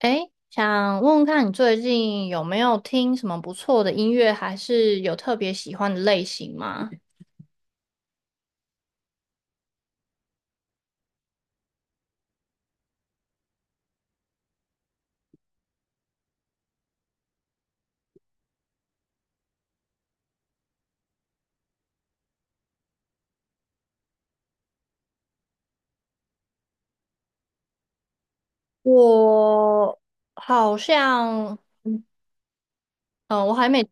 诶，想问问看你最近有没有听什么不错的音乐，还是有特别喜欢的类型吗？我好像，嗯，我还没，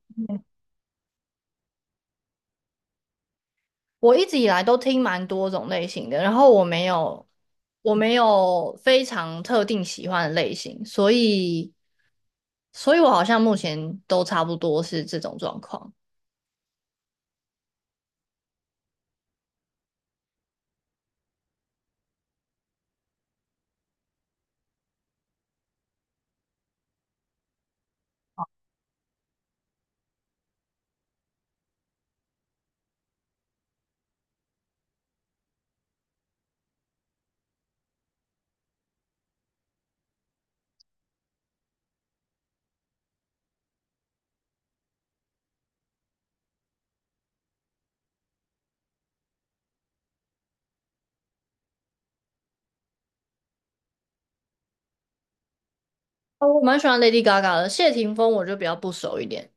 我一直以来都听蛮多种类型的，然后我没有，我没有非常特定喜欢的类型，所以，所以我好像目前都差不多是这种状况。哦我蛮喜欢 Lady Gaga 的，谢霆锋我就比较不熟一点。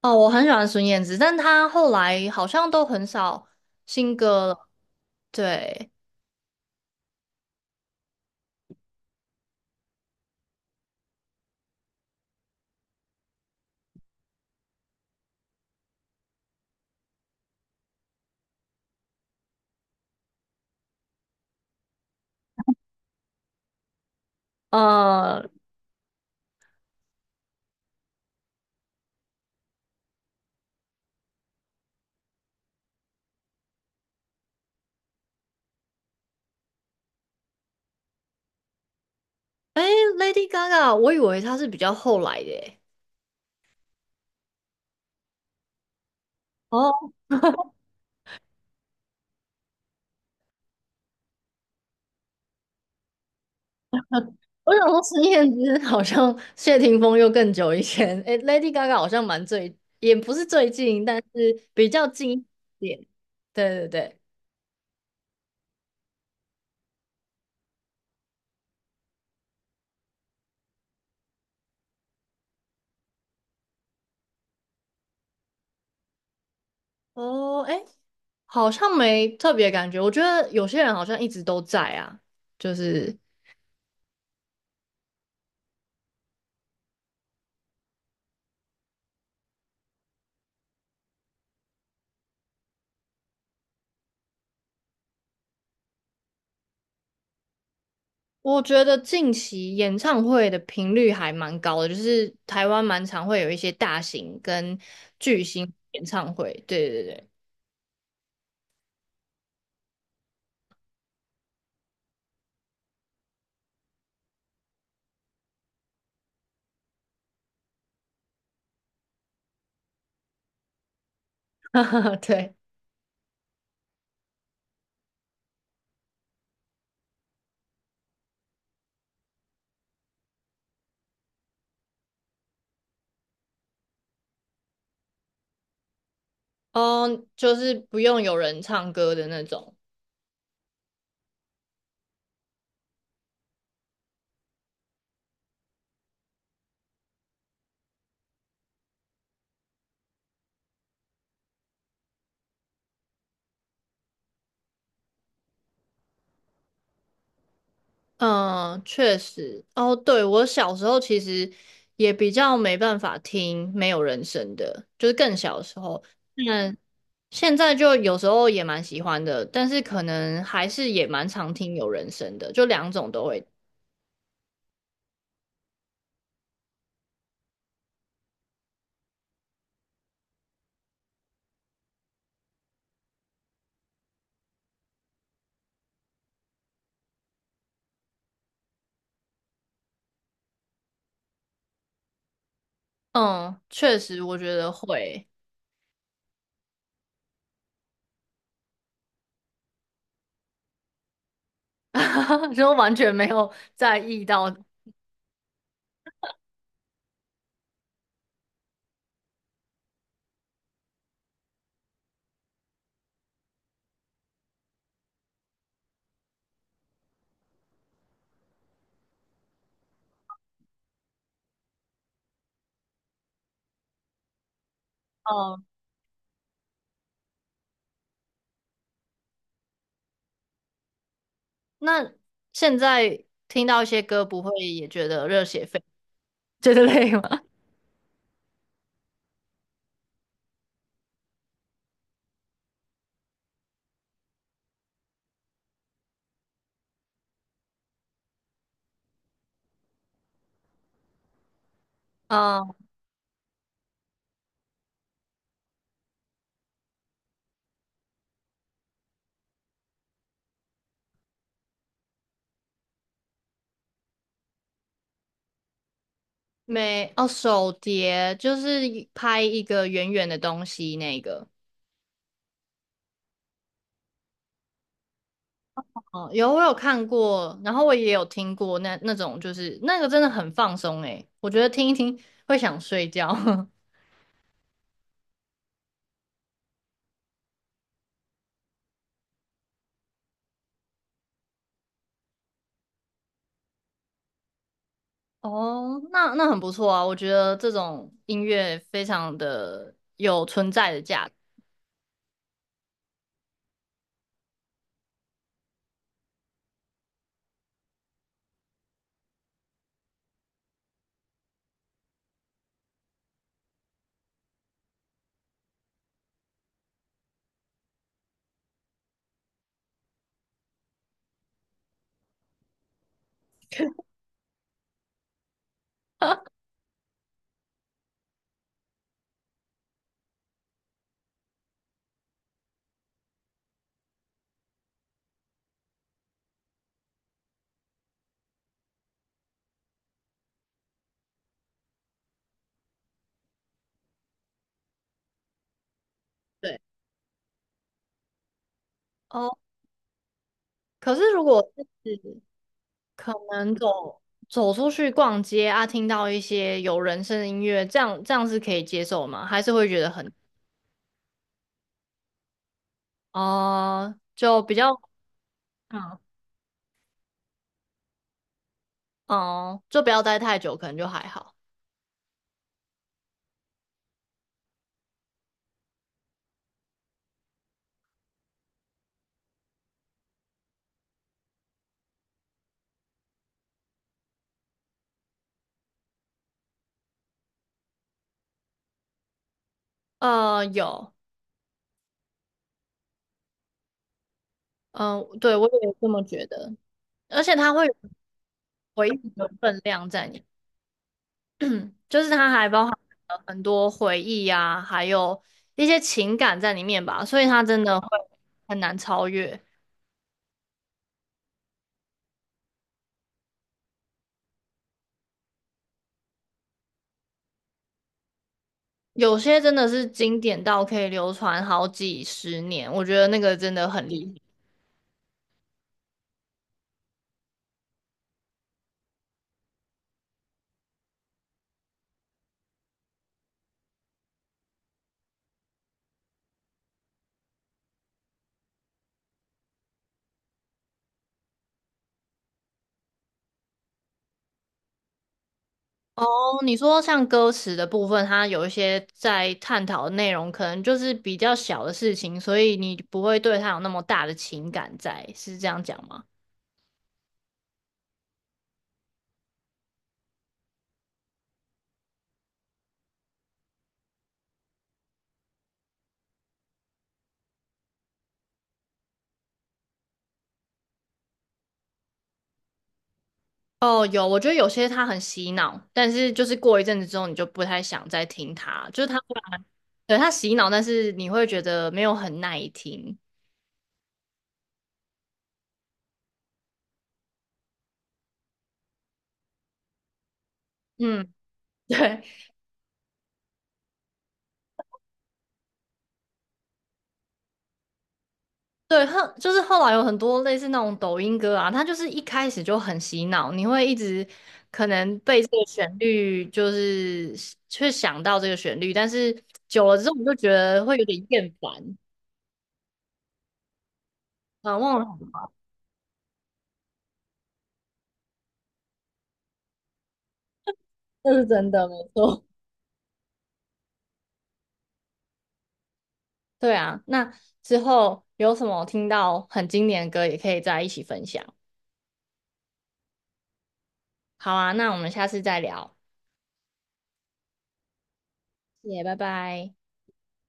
哦，我很喜欢孙燕姿，但她后来好像都很少新歌了。对，呃 Lady Gaga，我以为她是比较后来的耶。哦，我想说孙燕姿好像谢霆锋又更久以前，诶，Lady Gaga 好像蛮最，也不是最近，但是比较近一点。对对对。哦，哎，好像没特别感觉。我觉得有些人好像一直都在啊，就是。我觉得近期演唱会的频率还蛮高的，就是台湾蛮常会有一些大型跟巨星演唱会。对对对，对，哦，就是不用有人唱歌的那种。嗯，确实。哦，对，我小时候其实也比较没办法听没有人声的，就是更小的时候。嗯，现在就有时候也蛮喜欢的，但是可能还是也蛮常听有人声的，就两种都会。嗯，确实，我觉得会，就完全没有在意到。嗯，那现在听到一些歌，不会也觉得热血沸，觉得累吗？嗯，没，哦，手碟就是一拍一个圆圆的东西那个。哦，有我有看过，然后我也有听过那种，就是那个真的很放松诶，我觉得听一听会想睡觉。哦，那那很不错啊，我觉得这种音乐非常的有存在的价值。对，哦，可是如果是可能走出去逛街啊，听到一些有人声的音乐，这样是可以接受吗？还是会觉得很哦，就比较嗯哦，就不要待太久，可能就还好。有，嗯、对，我也这么觉得，而且它会有回忆的分量在里面，就是它还包含了很多回忆呀，还有一些情感在里面吧，所以它真的会很难超越。有些真的是经典到可以流传好几十年，我觉得那个真的很厉害。哦，你说像歌词的部分，它有一些在探讨的内容，可能就是比较小的事情，所以你不会对它有那么大的情感在，是这样讲吗？哦，有，我觉得有些他很洗脑，但是就是过一阵子之后，你就不太想再听他，就是他忽然，对，他洗脑，但是你会觉得没有很耐听。嗯，对对，后就是后来有很多类似那种抖音歌啊，它就是一开始就很洗脑，你会一直可能被这个旋律就是去想到这个旋律，但是久了之后你就觉得会有点厌烦啊，忘了，这是真的，没错。对啊，那之后有什么听到很经典的歌，也可以再一起分享。好啊，那我们下次再聊，谢谢，拜拜。